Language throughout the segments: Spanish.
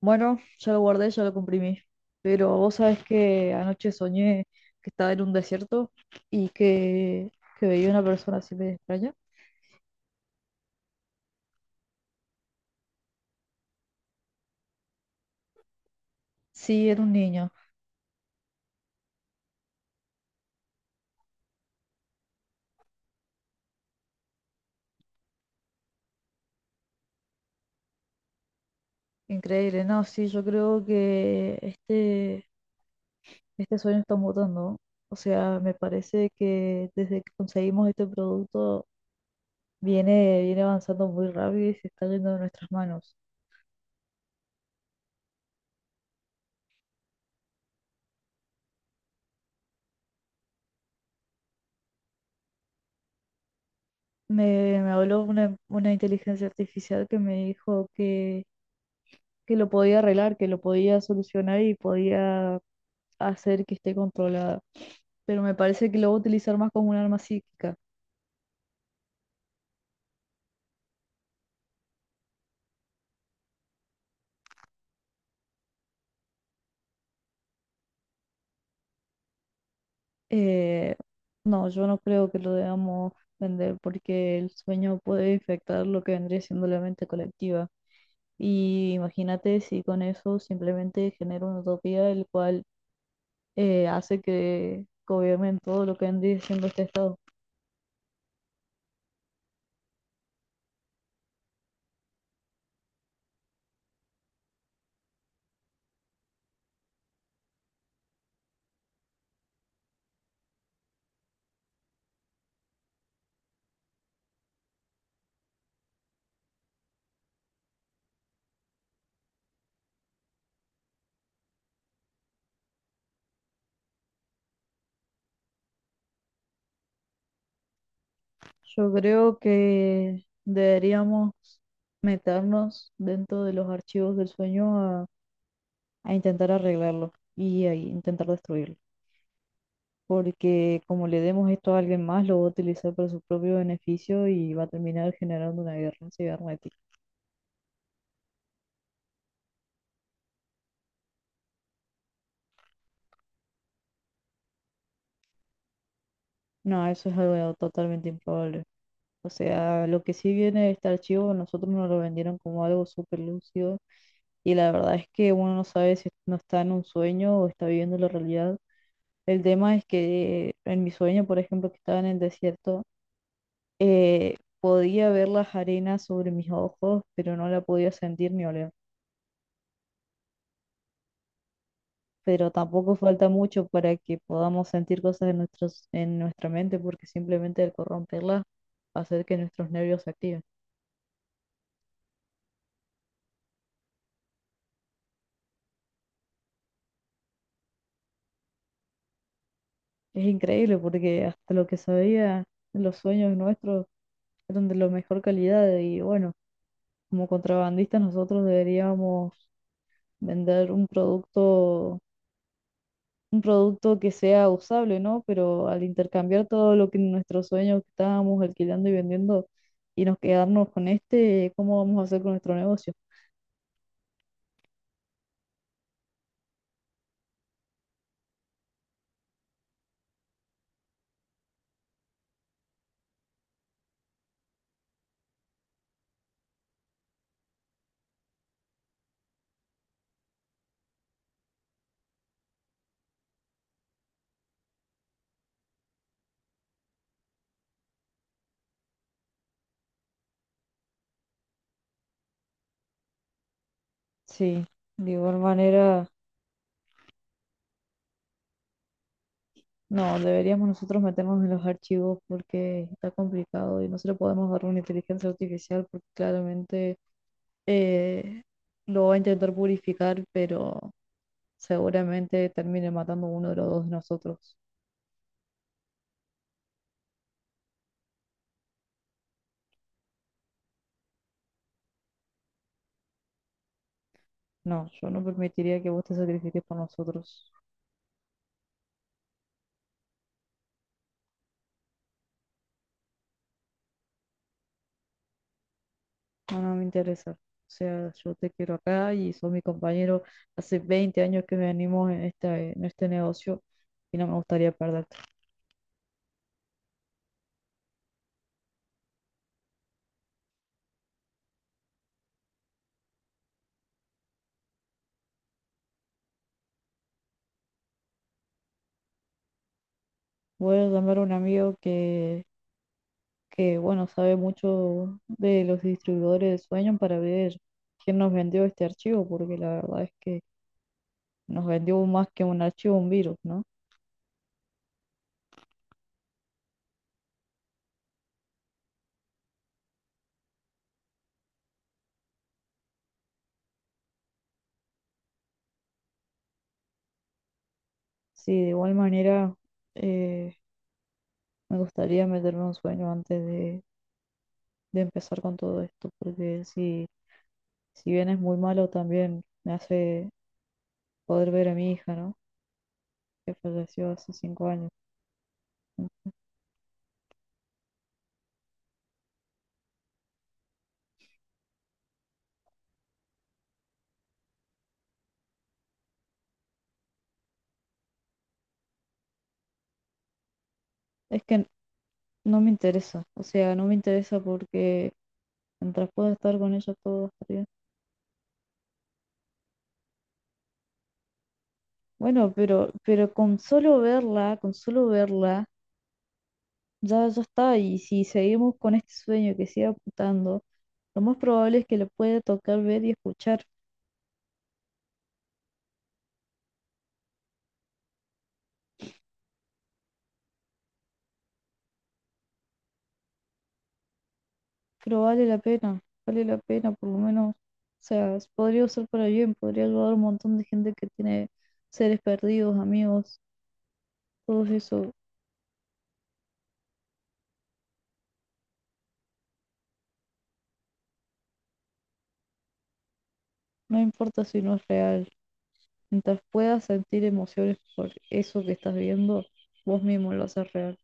Bueno, ya lo guardé, ya lo comprimí. Pero vos sabés que anoche soñé que estaba en un desierto y que veía una persona así de extraña. Sí, era un niño. Increíble. No, sí, yo creo que este sueño está mutando. O sea, me parece que desde que conseguimos este producto viene avanzando muy rápido y se está yendo de nuestras manos. Me habló una inteligencia artificial que me dijo que lo podía arreglar, que lo podía solucionar y podía hacer que esté controlada. Pero me parece que lo va a utilizar más como un arma psíquica. Eh, no, yo no creo que lo debamos vender porque el sueño puede infectar lo que vendría siendo la mente colectiva. Y imagínate si con eso simplemente genera una utopía el cual hace que gobiernen todo lo que vendría siendo este estado. Yo creo que deberíamos meternos dentro de los archivos del sueño a intentar arreglarlo y a intentar destruirlo. Porque como le demos esto a alguien más, lo va a utilizar para su propio beneficio y va a terminar generando una guerra cibernética. No, eso es algo totalmente improbable. O sea, lo que sí viene de este archivo, nosotros nos lo vendieron como algo súper lúcido y la verdad es que uno no sabe si no está en un sueño o está viviendo la realidad. El tema es que en mi sueño, por ejemplo, que estaba en el desierto, podía ver las arenas sobre mis ojos, pero no la podía sentir ni oler. Pero tampoco falta mucho para que podamos sentir cosas en en nuestra mente, porque simplemente el corromperlas hacer que nuestros nervios se activen. Es increíble porque hasta lo que sabía, los sueños nuestros eran de la mejor calidad y bueno, como contrabandistas nosotros deberíamos vender un producto que sea usable, ¿no? Pero al intercambiar todo lo que nuestros sueños que estábamos alquilando y vendiendo y nos quedarnos con este, ¿cómo vamos a hacer con nuestro negocio? Sí, de igual manera, no, deberíamos nosotros meternos en los archivos porque está complicado y no se le podemos dar una inteligencia artificial porque claramente eh, lo va a intentar purificar, pero seguramente termine matando a uno de los dos de nosotros. No, yo no permitiría que vos te sacrifiques por nosotros. No, no me interesa. O sea, yo te quiero acá y sos mi compañero. Hace 20 años que venimos en en este negocio y no me gustaría perderte. Voy a llamar a un amigo que, bueno, sabe mucho de los distribuidores de sueños para ver quién nos vendió este archivo, porque la verdad es que nos vendió más que un archivo, un virus, ¿no? Sí, de igual manera, eh, me gustaría meterme un sueño de empezar con todo esto, porque si bien es muy malo también, me hace poder ver a mi hija, ¿no? Que falleció hace 5 años. ¿No? Es que no me interesa, o sea, no me interesa porque mientras pueda estar con ella todo está bien. Bueno, pero con solo verla, ya está. Y si seguimos con este sueño que sigue apuntando, lo más probable es que lo pueda tocar, ver y escuchar. Pero vale la pena, por lo menos, podría usar para bien, podría ayudar a un montón de gente que tiene seres perdidos, amigos, todo eso, no importa si no es real, mientras puedas sentir emociones por eso que estás viendo, vos mismo lo haces real.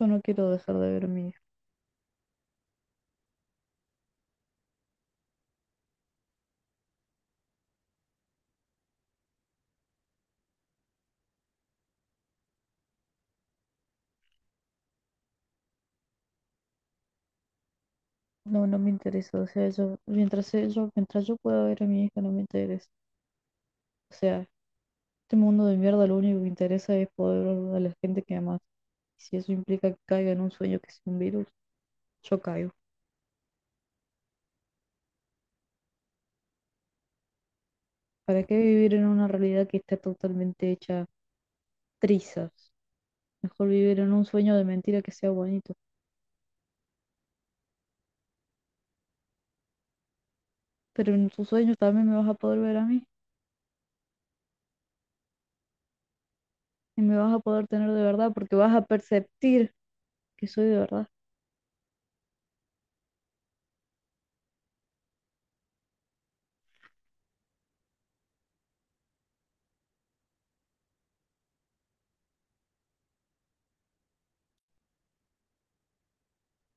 Yo no quiero dejar de ver a mi hija, no, no me interesa, o sea, mientras yo pueda ver a mi hija, no me interesa, o sea, este mundo de mierda lo único que interesa es poder ver a la gente que amas. Si eso implica que caiga en un sueño que es un virus, yo caigo. ¿Para qué vivir en una realidad que está totalmente hecha trizas? Mejor vivir en un sueño de mentira que sea bonito. Pero en tus sueños también me vas a poder ver a mí y me vas a poder tener de verdad porque vas a perceptir que soy de verdad.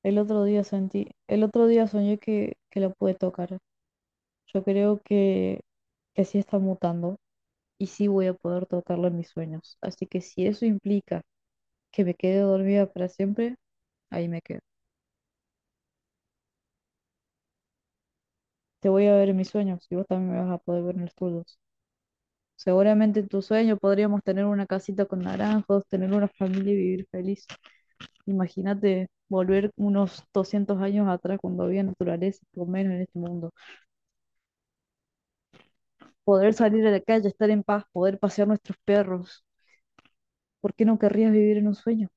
El otro día soñé que la pude tocar. Yo creo que sí está mutando y sí voy a poder tocarla en mis sueños. Así que si eso implica que me quede dormida para siempre, ahí me quedo. Te voy a ver en mis sueños y vos también me vas a poder ver en los tuyos. Seguramente en tu sueño podríamos tener una casita con naranjos, tener una familia y vivir feliz. Imagínate volver unos 200 años atrás cuando había naturaleza, por lo menos en este mundo. Poder salir a la calle, estar en paz, poder pasear nuestros perros. ¿Por qué no querrías vivir en un sueño?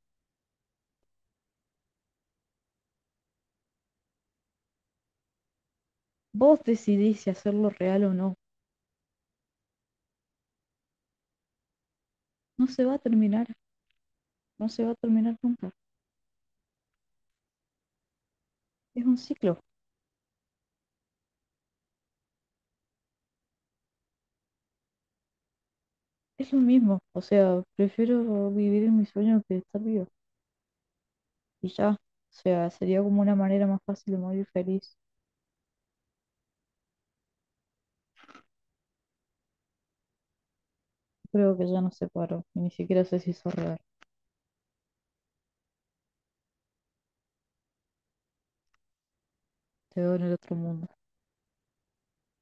Vos decidís si hacerlo real o no. No se va a terminar, no se va a terminar nunca. Es un ciclo, es lo mismo. O sea, prefiero vivir en mi sueño que estar vivo. Y ya, o sea, sería como una manera más fácil de morir feliz. Creo que ya no se paró. Y ni siquiera sé si hizo real. Te veo en el otro mundo.